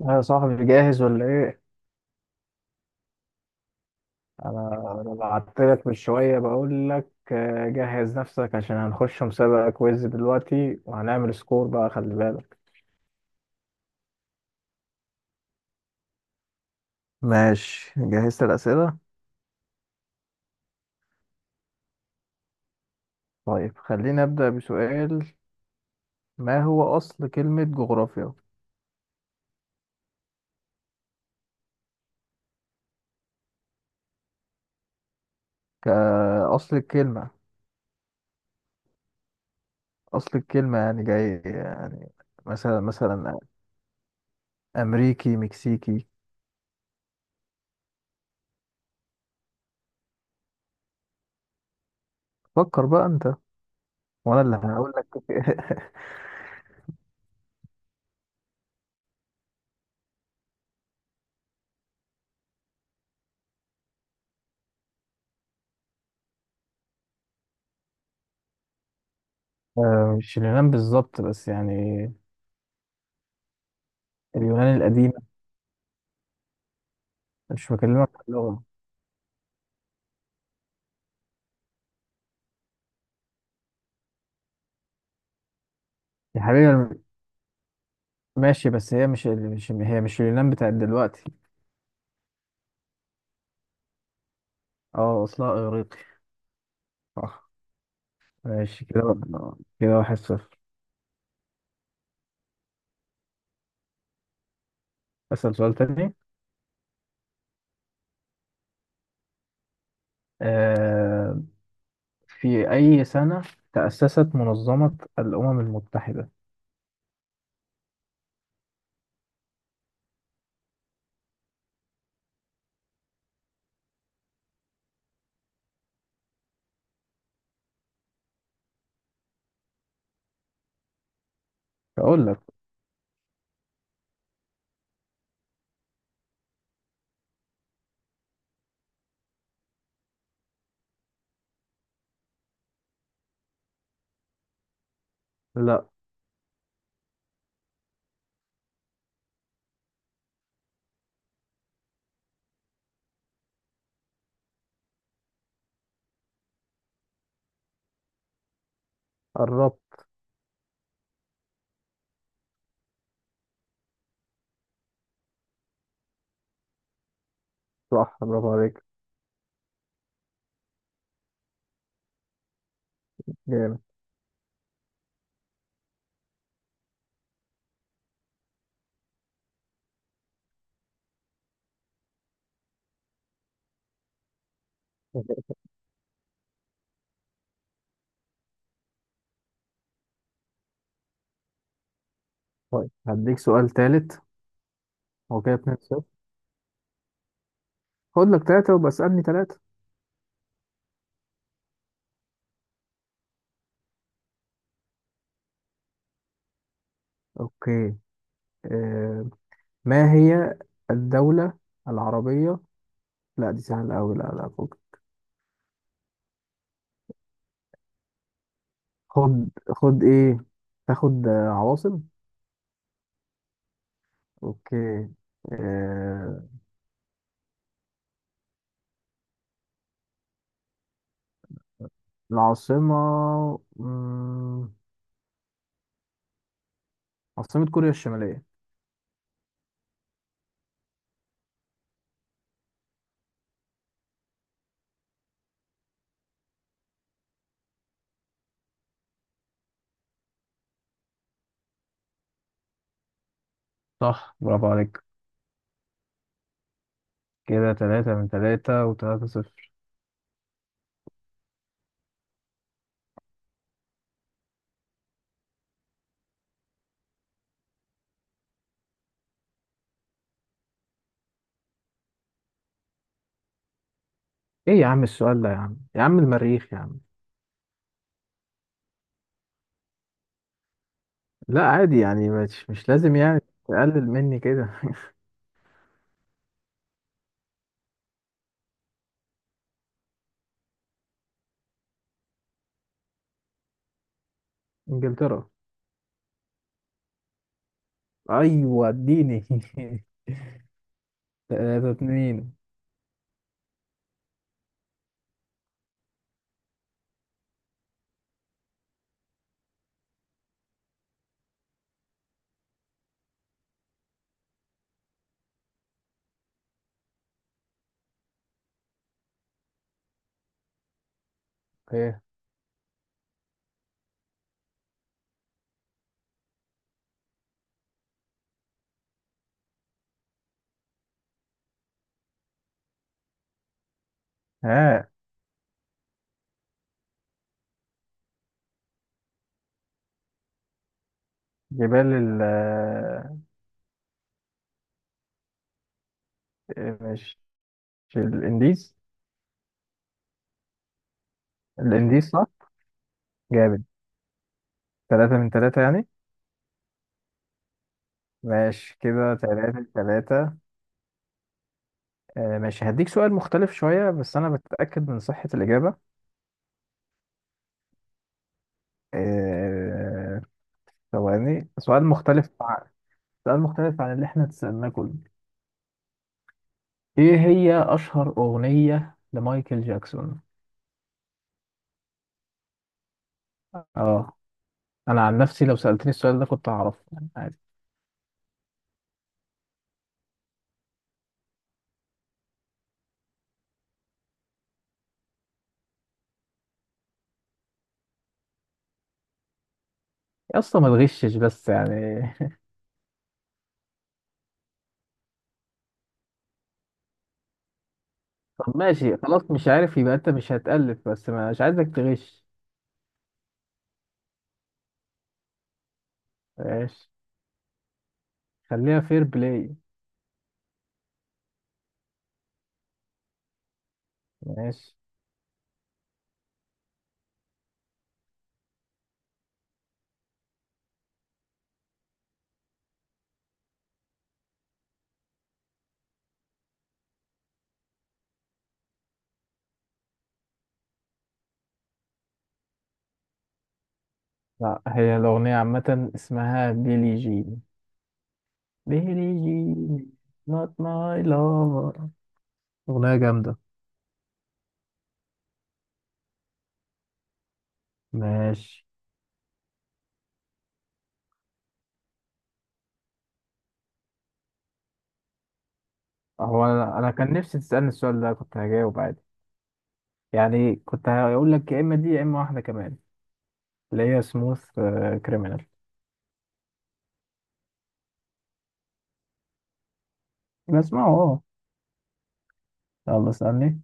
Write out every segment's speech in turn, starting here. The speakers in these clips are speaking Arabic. يا صاحبي، جاهز ولا ايه؟ انا بعت لك من شويه بقول لك جهز نفسك عشان هنخش مسابقه كويز دلوقتي وهنعمل سكور بقى، خلي بالك. ماشي، جهزت الأسئلة. طيب خلينا أبدأ بسؤال. ما هو أصل كلمة جغرافيا؟ كأصل الكلمة. أصل الكلمة يعني جاي يعني. مثلا مثلا. أمريكي، مكسيكي. فكر بقى أنت وأنا اللي هقول لك. مش اليونان بالظبط بس يعني. اليونان القديمة. مش بكلمك عن اللغة يا حبيبي. ماشي بس هي مش هي مش اليونان بتاعت دلوقتي. اه اصلها اغريقي. صح. ماشي كده كده 1-0. اسأل سؤال تاني. آه في أي سنة تأسست منظمة الأمم المتحدة؟ أقول لك. لا، قربت. صح، برافو عليك. جامد. طيب هديك سؤال تالت. هو كده 2-0. خد لك ثلاثة وبقى اسألني ثلاثة. أوكي. آه. ما هي الدولة العربية. لا دي سهلة أوي، لا لا، فوق. خد خد إيه. تاخد عواصم. أوكي. آه... العاصمة. مم... عاصمة كوريا الشمالية؟ صح، برافو عليك. كده تلاتة من تلاتة وتلاتة صفر. إيه يا عم السؤال ده يا عم يا عم، المريخ يا عم. لا عادي يعني، مش لازم يعني تقلل مني كده. إنجلترا. أيوة اديني. 3-2. ايه. ها. جبال ال... آه، مش مش الإنديز. الانديس صح. جامد. ثلاثة من ثلاثة يعني. ماشي كده 3-3. آه ماشي، هديك سؤال مختلف شوية بس أنا بتأكد من صحة الإجابة. آه، ثواني. سؤال مختلف عن... سؤال مختلف عن اللي احنا تسألناه كله. إيه هي أشهر أغنية لمايكل جاكسون؟ اه. أنا عن نفسي لو سألتني السؤال ده كنت هعرفه يعني عادي. يا اسطى ما تغشش بس يعني. طب ماشي خلاص، مش عارف يبقى أنت مش هتألف بس مش عايزك تغش. ماشي. خليها فير بلاي. ماشي. لا، هي الأغنية عامة اسمها بيلي جين. بيلي جين. not my lover. أغنية جامدة. ماشي. هو أنا كان نفسي تسألني السؤال ده كنت هجاوب عادي يعني. كنت هقول لك يا إما دي يا إما واحدة كمان اللي هي سموث كريمينال. بسمعه أه. يلا اسألني.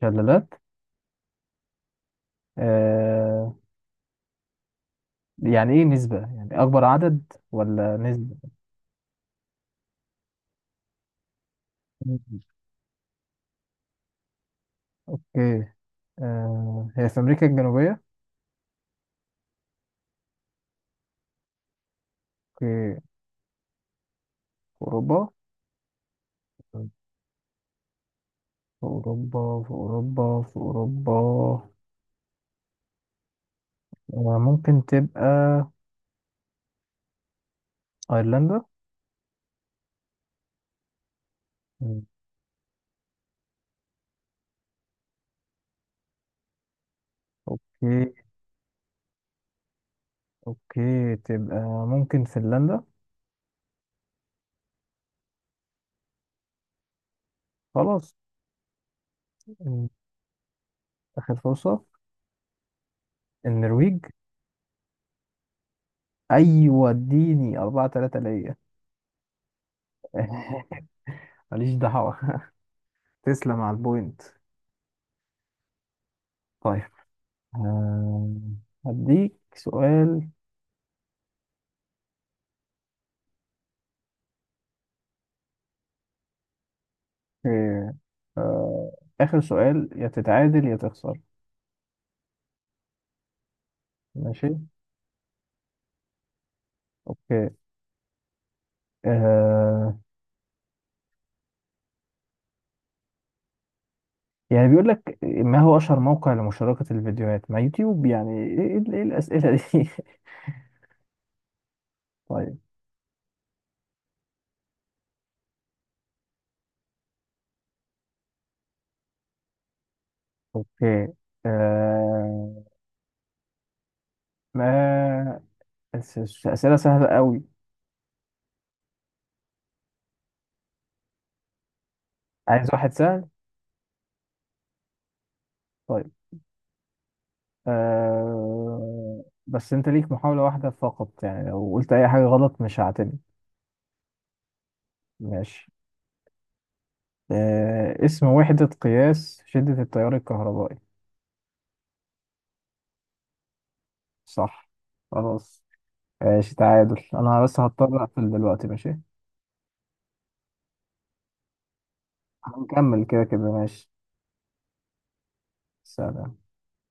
شلالات. آه. يعني إيه نسبة، يعني أكبر عدد ولا نسبة؟ مم. أوكي. آه هي في أمريكا الجنوبية؟ أوكي، في أوروبا في أوروبا في أوروبا. ممكن تبقى أيرلندا. مم. أوكي. أوكي تبقى ممكن فنلندا. خلاص. مم. آخر فرصة. النرويج. أيوة اديني 4-3 ليا. ماليش دعوة. تسلم على البوينت. طيب. آه، هديك سؤال. آه، آه، آخر سؤال، يا تتعادل يا تخسر. ماشي. أوكي. آه، يعني بيقول لك ما هو أشهر موقع لمشاركة الفيديوهات؟ ما يوتيوب يعني، إيه إيه الأسئلة دي؟ طيب. أوكي. آه... ما أسئلة سهلة قوي. عايز واحد سهل. طيب. بس أنت ليك محاولة واحدة فقط يعني لو قلت أي حاجة غلط مش هعتمد. ماشي. اسم وحدة قياس شدة التيار الكهربائي. صح. خلاص. ماشي، تعادل. أنا بس هضطر أقفل دلوقتي. ماشي. هنكمل كده كده، ماشي. سلام.